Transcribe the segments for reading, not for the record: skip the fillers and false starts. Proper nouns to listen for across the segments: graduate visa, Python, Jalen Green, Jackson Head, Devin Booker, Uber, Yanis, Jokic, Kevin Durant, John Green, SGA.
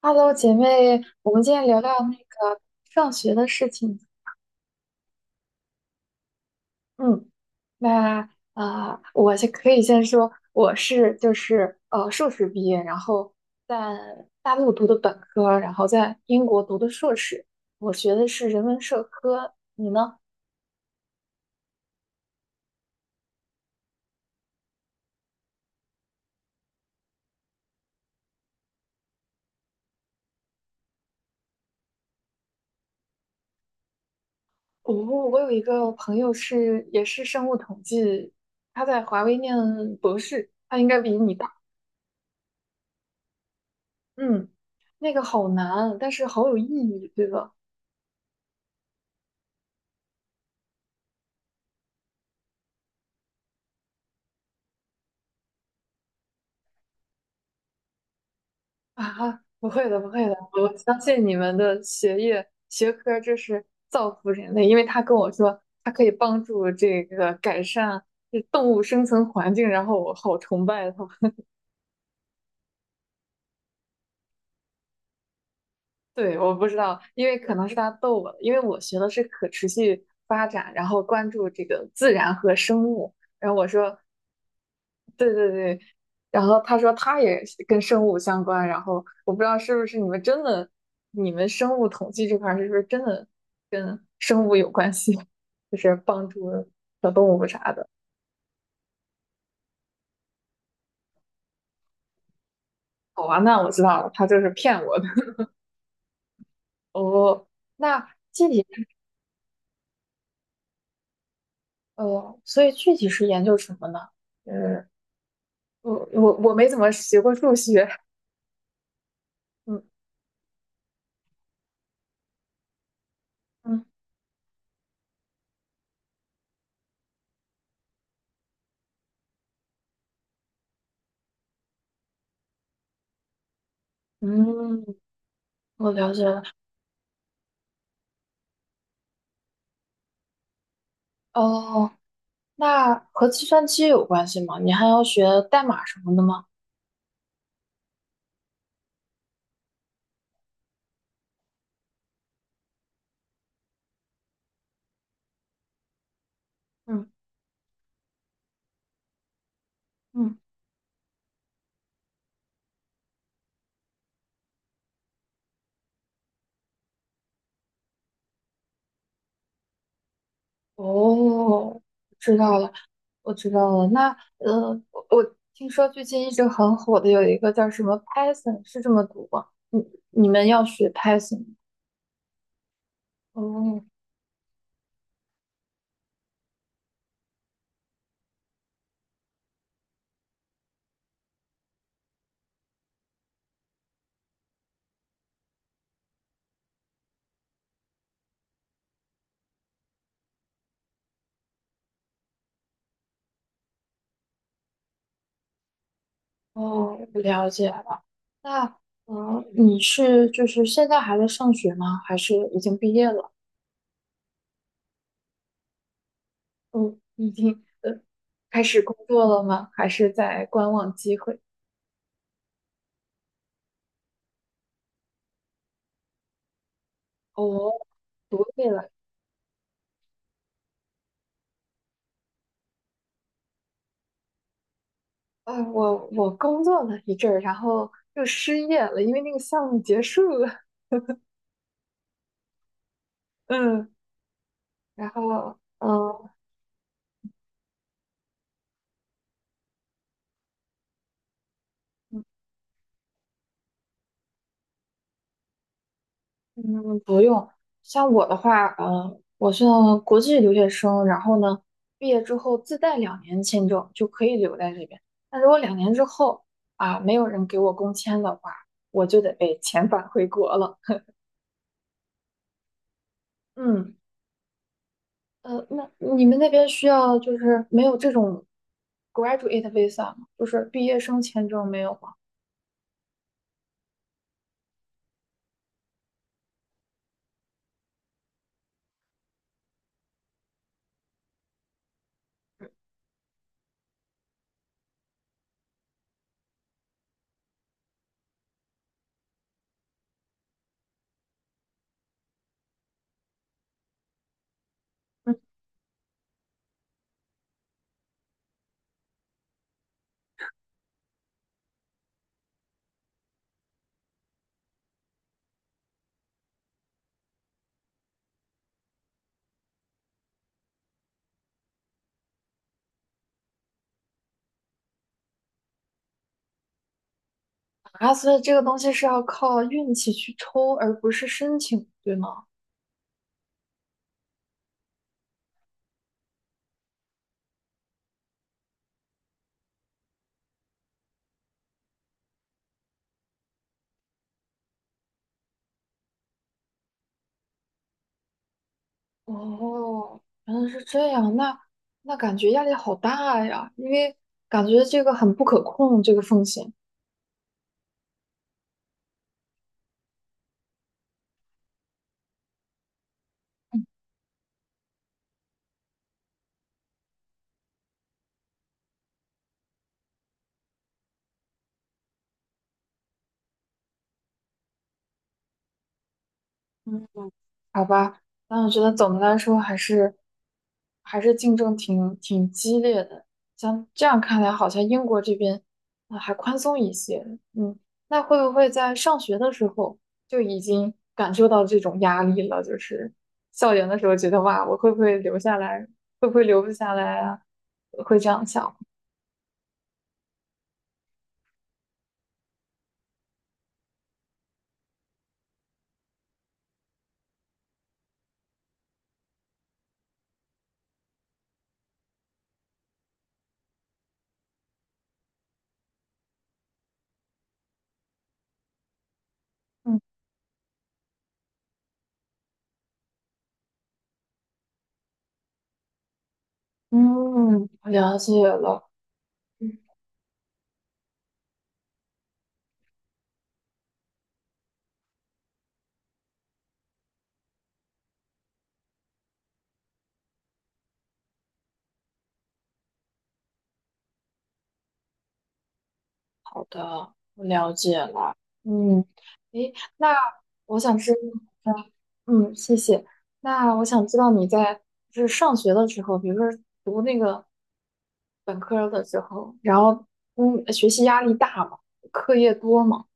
Hello，姐妹，我们今天聊聊那个上学的事情。嗯，那我先可以先说，我是就是硕士毕业，然后在大陆读的本科，然后在英国读的硕士，我学的是人文社科。你呢？我有一个朋友是也是生物统计，他在华为念博士，他应该比你大。嗯，那个好难啊，但是好有意义，对吧？啊，不会的，不会的，我相信你们的学业学科就是造福人类，因为他跟我说他可以帮助这个改善这动物生存环境，然后我好崇拜他。对，我不知道，因为可能是他逗我的，因为我学的是可持续发展，然后关注这个自然和生物，然后我说对对对，然后他说他也是跟生物相关，然后我不知道是不是你们真的，你们生物统计这块儿是不是真的跟生物有关系，就是帮助小动物啥的。好吧，那我知道了，他就是骗我的。哦，那具体所以具体是研究什么呢？呃，我没怎么学过数学。嗯嗯嗯，我了解了。哦，那和计算机有关系吗？你还要学代码什么的吗？嗯嗯，哦，知道了，我知道了。那我听说最近一直很火的有一个叫什么 Python，是这么读吗？你们要学 Python？吗哦哦，我了解了。那你是就是现在还在上学吗？还是已经毕业了？嗯，已经开始工作了吗？还是在观望机会？哦，独立了。啊，我工作了一阵儿，然后又失业了，因为那个项目结束了。嗯，然后嗯嗯，不用。像我的话，我是国际留学生，然后呢，毕业之后自带2年签证就可以留在这边。那如果2年之后啊，没有人给我工签的话，我就得被遣返回国了。嗯。那你们那边需要就是没有这种 graduate visa 吗？就是毕业生签证没有吗？嗯，啊，所以这个东西是要靠运气去抽，而不是申请，对吗？哦，原来是这样，那感觉压力好大呀，因为感觉这个很不可控，这个风险。嗯嗯。好吧，那我觉得总的来说还是竞争挺激烈的。像这样看来，好像英国这边还宽松一些。嗯，那会不会在上学的时候就已经感受到这种压力了？就是校园的时候觉得哇，我会不会留下来？会不会留不下来啊？会这样想。嗯嗯，了解了。好的，我了解了。嗯，诶，那我想知道，谢谢。那我想知道你在就是上学的时候，比如说读那个本科的时候，然后学习压力大吗？课业多吗？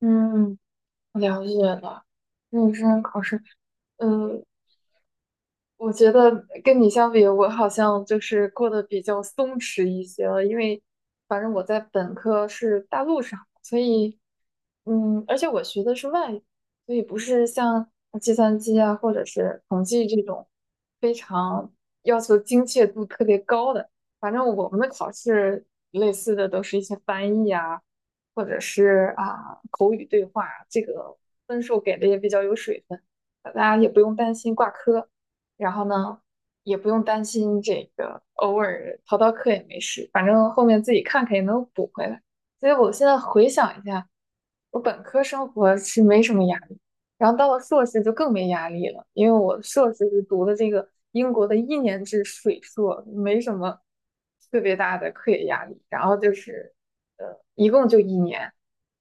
嗯，我了解了。认真考试，呃，我觉得跟你相比，我好像就是过得比较松弛一些了，因为反正我在本科是大陆上，所以而且我学的是外语，所以不是像计算机啊或者是统计这种非常要求精确度特别高的。反正我们的考试类似的都是一些翻译啊，或者是啊口语对话，这个分数给的也比较有水分，大家也不用担心挂科。然后呢，也不用担心这个偶尔逃逃课也没事，反正后面自己看看也能补回来。所以我现在回想一下，我本科生活是没什么压力，然后到了硕士就更没压力了，因为我硕士是读的这个英国的1年制水硕，没什么特别大的课业压力。然后就是呃，一共就一年，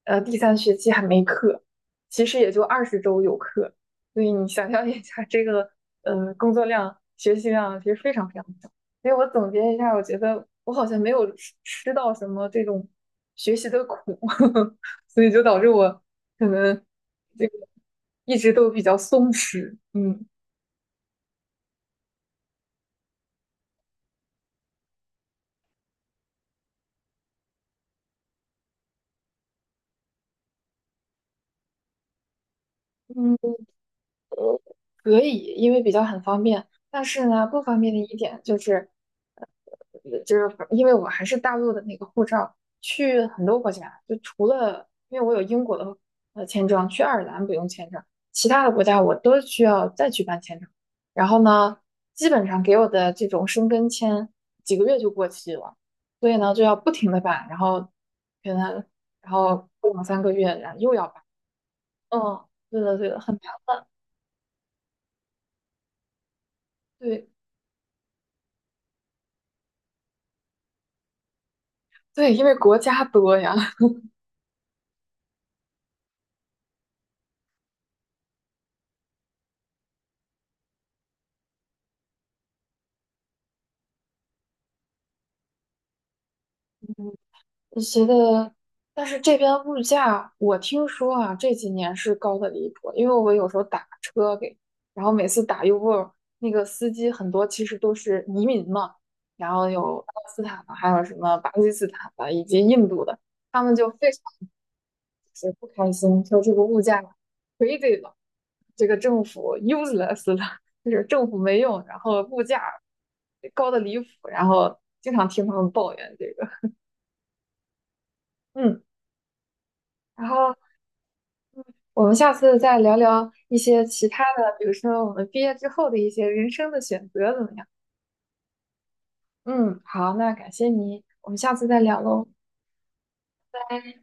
第三学期还没课，其实也就20周有课。所以你想象一下，这个工作量、学习量其实非常非常小。所以我总结一下，我觉得我好像没有吃到什么这种学习的苦，所以就导致我可能这个一直都比较松弛。嗯嗯。可以，因为比较很方便。但是呢，不方便的一点就是，就是因为我还是大陆的那个护照，去很多国家，就除了因为我有英国的签证，去爱尔兰不用签证，其他的国家我都需要再去办签证。然后呢，基本上给我的这种申根签几个月就过期了，所以呢就要不停的办，然后可能然后过2、3个月，然后又要办。嗯，对的对的，很对。对，因为国家多呀。你觉得，但是这边物价，我听说啊，这几年是高的离谱。因为我有时候打车给，然后每次打 Uber，那个司机很多其实都是移民嘛，然后有巴勒斯坦的，还有什么巴基斯坦的，以及印度的，他们就非常就是不开心，说这个物价 crazy 了。这个政府 useless 了，就是政府没用，然后物价高的离谱，然后经常听他们抱怨这个。嗯，然后我们下次再聊聊一些其他的，比如说我们毕业之后的一些人生的选择怎么样？嗯，好，那感谢你，我们下次再聊喽，拜拜。